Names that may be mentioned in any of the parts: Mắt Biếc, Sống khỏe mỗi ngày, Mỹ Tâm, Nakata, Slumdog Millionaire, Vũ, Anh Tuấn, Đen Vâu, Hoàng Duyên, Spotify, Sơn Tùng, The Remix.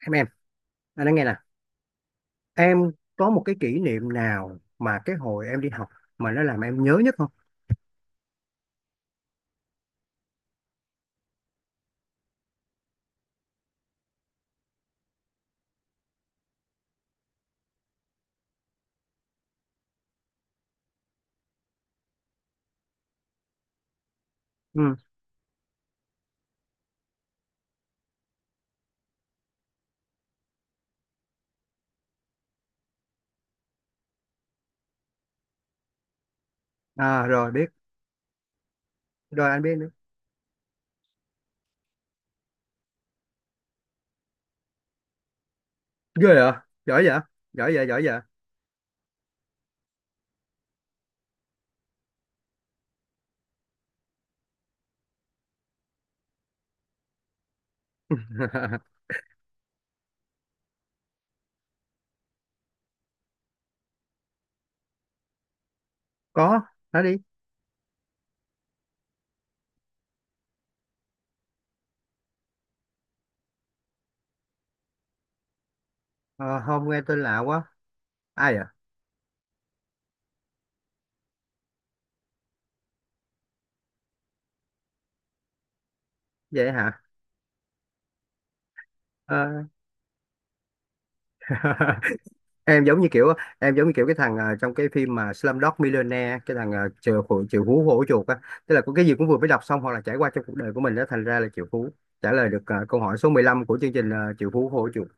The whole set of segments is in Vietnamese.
Em, anh nói nghe nè. Em có một cái kỷ niệm nào mà cái hồi em đi học mà nó làm em nhớ nhất không? Ừ, à rồi biết, rồi anh biết nữa. Ghê vậy, giỏi vậy, giỏi vậy. Có, nói đi. Ờ, không, nghe tên lạ quá. Ai à? Vậy hả? Ờ, em giống như kiểu, em giống như kiểu cái thằng trong cái phim mà Slumdog Millionaire, cái thằng chịu hủ chịu hú hổ chuột á. Tức là có cái gì cũng vừa mới đọc xong hoặc là trải qua trong cuộc đời của mình đó, thành ra là triệu phú, trả lời được câu hỏi số 15 của chương trình triệu phú hổ chuột.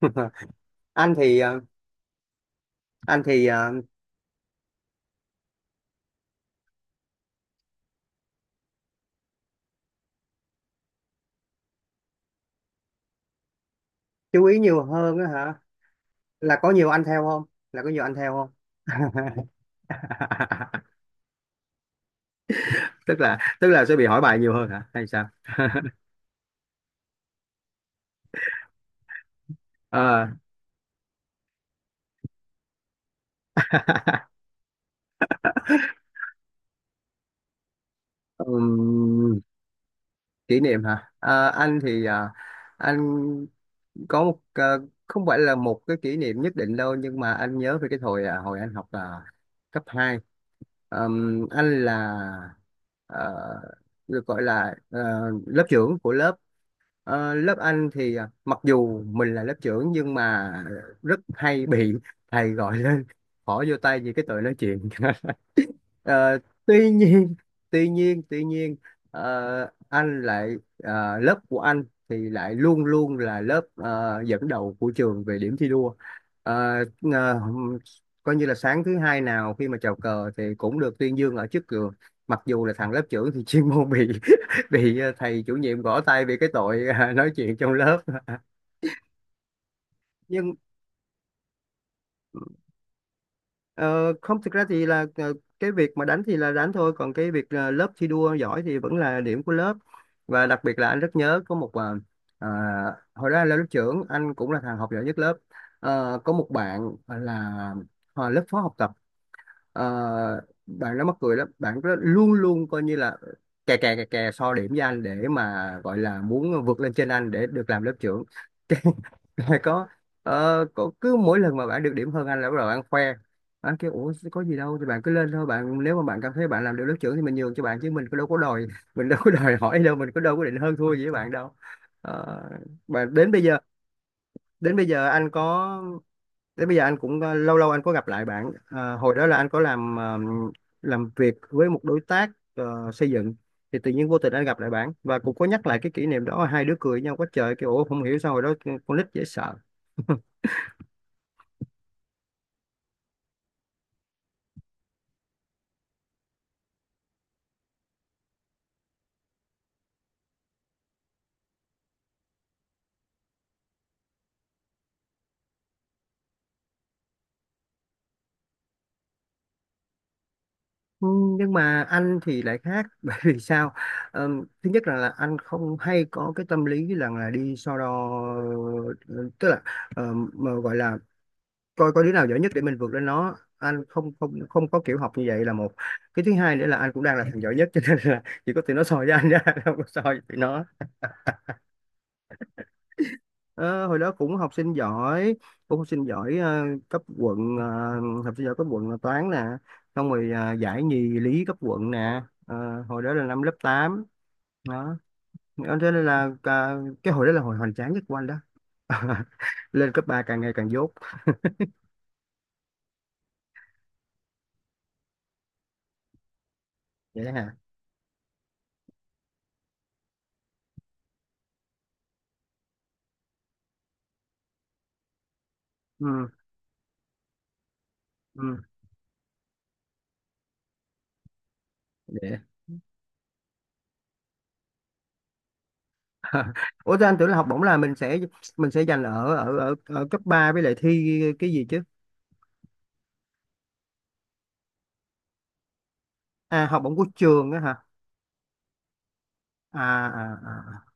Anh thì anh thì, chú ý nhiều hơn á hả? Là có nhiều anh theo không? Là có nhiều anh theo không? Tức là sẽ bị hỏi bài nhiều hơn hả hay sao? Ờ, ừm, kỷ niệm hả? Ờ, anh thì anh có một, không phải là một cái kỷ niệm nhất định đâu, nhưng mà anh nhớ về cái hồi à, hồi anh học à, cấp hai. Anh là ờ, được gọi là lớp trưởng của lớp. Ờ, lớp anh thì à, mặc dù mình là lớp trưởng nhưng mà rất hay bị thầy gọi lên bỏ vô tay vì cái tội nói chuyện. Ờ, tuy nhiên tuy nhiên anh lại, lớp của anh thì lại luôn luôn là lớp dẫn đầu của trường về điểm thi đua. Ờ, ờ, coi như là sáng thứ hai nào khi mà chào cờ thì cũng được tuyên dương ở trước trường, mặc dù là thằng lớp trưởng thì chuyên môn bị bị thầy chủ nhiệm gõ tay vì cái tội nói chuyện trong lớp. Nhưng Ờ, không, thực ra thì là cái việc mà đánh thì là đánh thôi, còn cái việc lớp thi đua giỏi thì vẫn là điểm của lớp. Và đặc biệt là anh rất nhớ có một, à, hồi đó anh là lớp trưởng, anh cũng là thằng học giỏi nhất lớp. Ờ, có một bạn là lớp phó học tập. Ờ, bạn nó mắc cười lắm, bạn rất luôn luôn coi như là kè kè so điểm với anh để mà gọi là muốn vượt lên trên anh để được làm lớp trưởng. Rồi có có cứ mỗi lần mà bạn được điểm hơn anh là bắt đầu bạn khoe. Anh kêu ủa có gì đâu, thì bạn cứ lên thôi bạn, nếu mà bạn cảm thấy bạn làm được lớp trưởng thì mình nhường cho bạn, chứ mình có đâu có đòi, mình đâu có đòi hỏi đâu, mình có đâu có định hơn thua gì với bạn đâu. Ờ, mà đến bây giờ, đến bây giờ anh có, thế bây giờ anh cũng lâu lâu anh có gặp lại bạn. Ờ, hồi đó là anh có làm làm việc với một đối tác xây dựng, thì tự nhiên vô tình anh gặp lại bạn và cũng có nhắc lại cái kỷ niệm đó, hai đứa cười nhau quá trời, kiểu ủa không hiểu sao hồi đó con nít dễ sợ. Ừ, nhưng mà anh thì lại khác bởi vì sao? Ờ, thứ nhất là, anh không hay có cái tâm lý là đi so đo, tức là mà gọi là coi có đứa nào giỏi nhất để mình vượt lên nó, anh không không không có kiểu học như vậy. Là một cái thứ hai nữa là anh cũng đang là thằng giỏi nhất, cho nên là chỉ có tụi nó soi với anh ra, không có soi với tụi nó. Ờ, hồi đó cũng học sinh giỏi, cũng học sinh giỏi cấp quận, học sinh giỏi cấp quận là toán nè, xong rồi giải nhì lý cấp quận nè. Ờ, hồi đó là năm lớp 8 đó. Ờ, thế nên là à, cái hồi đó là hồi hoành tráng nhất của anh đó. Lên cấp 3 càng ngày càng dốt. Vậy hả? Ừ, ừ. Để ủa thế anh tưởng là học bổng là mình sẽ, mình sẽ dành ở ở ở ở cấp 3 với lại thi cái gì chứ? À học bổng của trường á hả? À, à, à.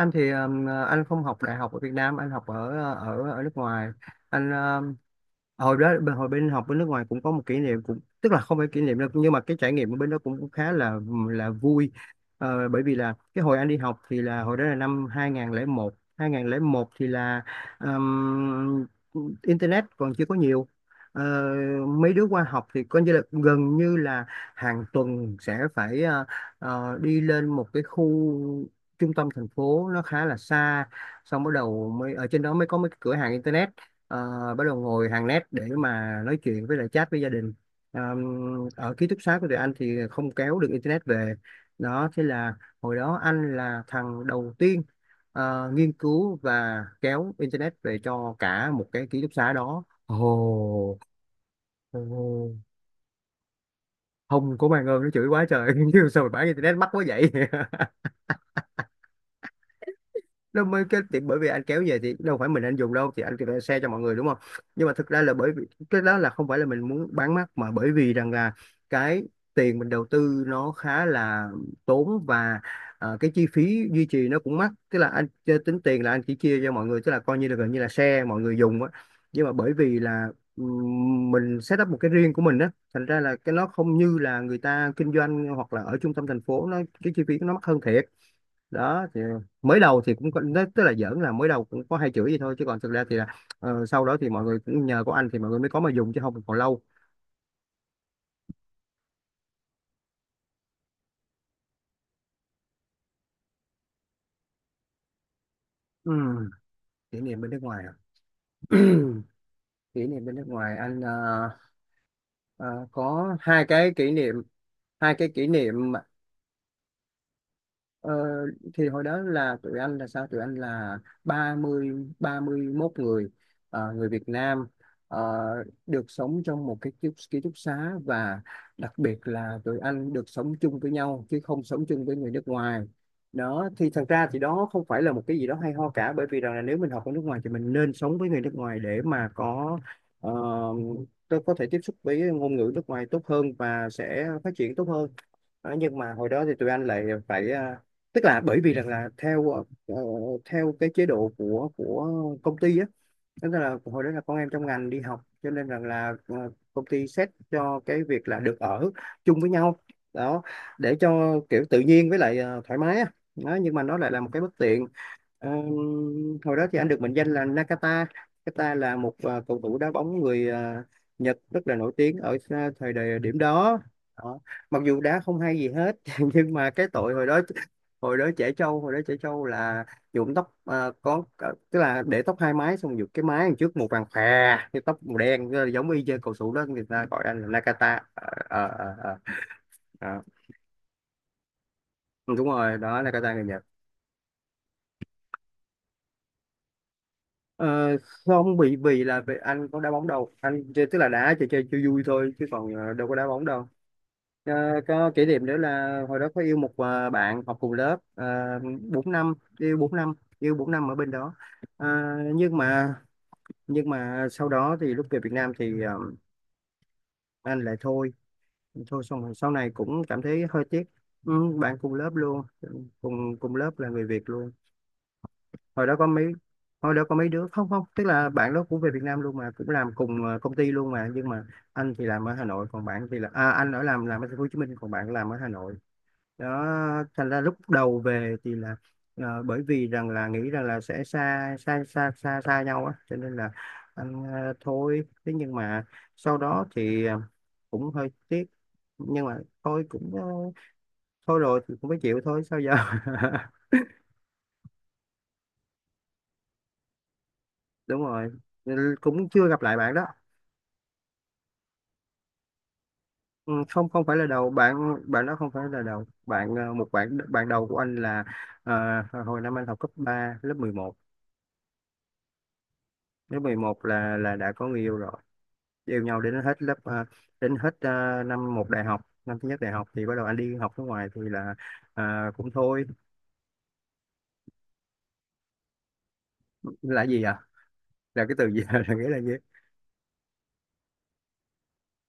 Anh thì anh không học đại học ở Việt Nam, anh học ở ở ở nước ngoài. Anh hồi đó bên, hồi bên học bên nước ngoài cũng có một kỷ niệm, cũng tức là không phải kỷ niệm đâu, nhưng mà cái trải nghiệm ở bên đó cũng, cũng khá là vui. Ờ, bởi vì là cái hồi anh đi học thì là hồi đó là năm 2001 một thì là ừm, internet còn chưa có nhiều. Ờ, mấy đứa qua học thì coi như là gần như là hàng tuần sẽ phải đi lên một cái khu trung tâm thành phố nó khá là xa, xong bắt đầu mới ở trên đó mới có mấy cái cửa hàng internet, bắt đầu ngồi hàng net để mà nói chuyện với lại chat với gia đình. Ờ, ở ký túc xá của tụi anh thì không kéo được internet về. Đó thế là hồi đó anh là thằng đầu tiên nghiên cứu và kéo internet về cho cả một cái ký túc xá đó. Ồ, ồ, không có mang ơn, nó chửi quá trời, nhưng sao mà bán internet mắc quá vậy? Nó mới cái thì, bởi vì anh kéo về thì đâu phải mình anh dùng đâu, thì anh phải share cho mọi người, đúng không? Nhưng mà thực ra là bởi vì cái đó là không phải là mình muốn bán mắc, mà bởi vì rằng là cái tiền mình đầu tư nó khá là tốn, và cái chi phí duy trì nó cũng mắc, tức là anh chơi tính tiền là anh chỉ chia cho mọi người, tức là coi như là gần như là share mọi người dùng á. Nhưng mà bởi vì là mình set up một cái riêng của mình á, thành ra là cái nó không như là người ta kinh doanh, hoặc là ở trung tâm thành phố nó cái chi phí nó mắc hơn thiệt. Đó thì mới đầu thì cũng có, tức là giỡn là mới đầu cũng có hai chửi gì thôi, chứ còn thực ra thì là sau đó thì mọi người cũng nhờ có anh thì mọi người mới có mà dùng, chứ không thì còn lâu. Ừ. Kỷ niệm bên nước ngoài à? Kỷ niệm bên nước ngoài, anh ờ, có hai cái kỷ niệm, hai cái kỷ niệm. Ờ, thì hồi đó là tụi anh là sao? Tụi anh là 30 31 người người Việt Nam, ờ, được sống trong một cái ký túc xá, và đặc biệt là tụi anh được sống chung với nhau chứ không sống chung với người nước ngoài. Đó thì thật ra thì đó không phải là một cái gì đó hay ho cả, bởi vì rằng là nếu mình học ở nước ngoài thì mình nên sống với người nước ngoài để mà có ờ, tôi có thể tiếp xúc với ngôn ngữ nước ngoài tốt hơn và sẽ phát triển tốt hơn. Đó, nhưng mà hồi đó thì tụi anh lại phải à, tức là bởi vì rằng là theo theo cái chế độ của công ty á, tức là hồi đó là con em trong ngành đi học cho nên rằng là công ty xét cho cái việc là được ở chung với nhau. Đó để cho kiểu tự nhiên với lại thoải mái á. Đó, nhưng mà nó lại là một cái bất tiện. Ờ, hồi đó thì anh được mệnh danh là Nakata. Nakata là một cầu thủ đá bóng người Nhật rất là nổi tiếng ở thời đại điểm đó. Đó. Mặc dù đá không hay gì hết, nhưng mà cái tội hồi đó, hồi đó trẻ trâu là nhuộm tóc tức là để tóc hai mái xong nhuộm cái mái đằng trước màu vàng khè, cái tóc màu đen, giống y chang cầu thủ đó, người ta gọi anh là Nakata. Ờ, Ờ, đúng rồi, đó Nakata người Nhật. Ờ, không, bị vì là vì anh có đá bóng đâu, anh chơi tức là đá chơi chơi chơi vui thôi, chứ còn đâu có đá bóng đâu. Ờ, có kỷ niệm nữa là hồi đó có yêu một bạn học cùng lớp bốn năm, yêu 4 năm, yêu 4 năm ở bên đó. Ờ, nhưng mà, nhưng mà sau đó thì lúc về Việt Nam thì anh lại thôi, thôi xong rồi sau này cũng cảm thấy hơi tiếc. Ừ, bạn cùng lớp luôn, cùng cùng lớp là người Việt luôn. Hồi đó có mấy, hồi đó có mấy đứa không, không tức là bạn đó cũng về Việt Nam luôn mà cũng làm cùng công ty luôn, mà nhưng mà anh thì làm ở Hà Nội, còn bạn thì là à, anh ở làm ở thành phố Hồ Chí Minh còn bạn làm ở Hà Nội. Đó, thành ra lúc đầu về thì là bởi vì rằng là nghĩ rằng là sẽ xa xa xa xa xa nhau á cho nên là anh thôi thế, nhưng mà sau đó thì cũng hơi tiếc. Nhưng mà thôi cũng thôi rồi thì cũng phải chịu thôi, sao giờ. Đúng rồi. Ừ, cũng chưa gặp lại bạn đó. Ừ, không, không phải là đầu bạn, bạn đó không phải là đầu bạn, một bạn, bạn đầu của anh là ờ, hồi năm anh học cấp 3 lớp mười một. Lớp mười một là đã có người yêu rồi, yêu nhau đến hết lớp đến hết năm một đại học, năm thứ nhất đại học thì bắt đầu anh đi học nước ngoài thì là ờ, cũng thôi. Là gì à? Là cái từ gì là nghĩa là gì?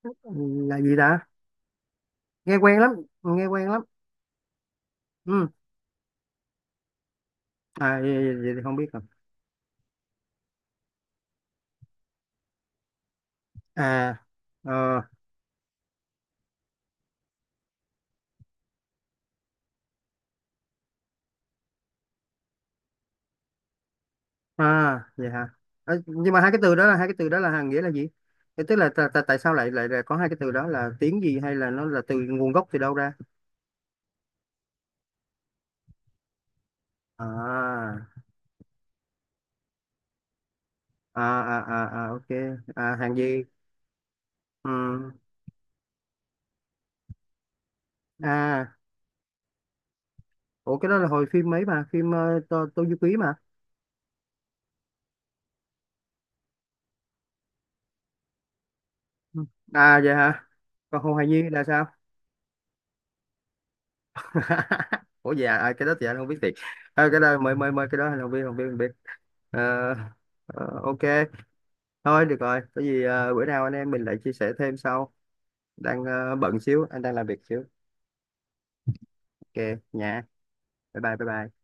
Ừ, là gì ta, nghe quen lắm, nghe quen lắm. Ừ. À vậy, vậy thì không biết rồi. À, ờ, à vậy hả? Ờ, nhưng mà hai cái từ đó là, hai cái từ đó là hàng nghĩa là gì? Thế tức là tại tại tại sao lại lại lại có hai cái từ đó là tiếng gì, hay là nó là từ nguồn gốc từ đâu ra? À, à à ok. À hàng gì? Ừ. À ủa cái đó là hồi phim mấy, mà phim Tô Du Ký mà. Ừ. À vậy hả? Còn Hồ Hài Nhi là sao? Ủa dạ à, à, cái đó thì anh không biết thiệt. À, cái đó mới mới mới cái đó anh không biết, không biết. Ờ, ờ, ok. Thôi được rồi, có gì bữa nào anh em mình lại chia sẻ thêm sau, đang bận xíu, anh đang làm việc xíu. Ok nha, bye bye.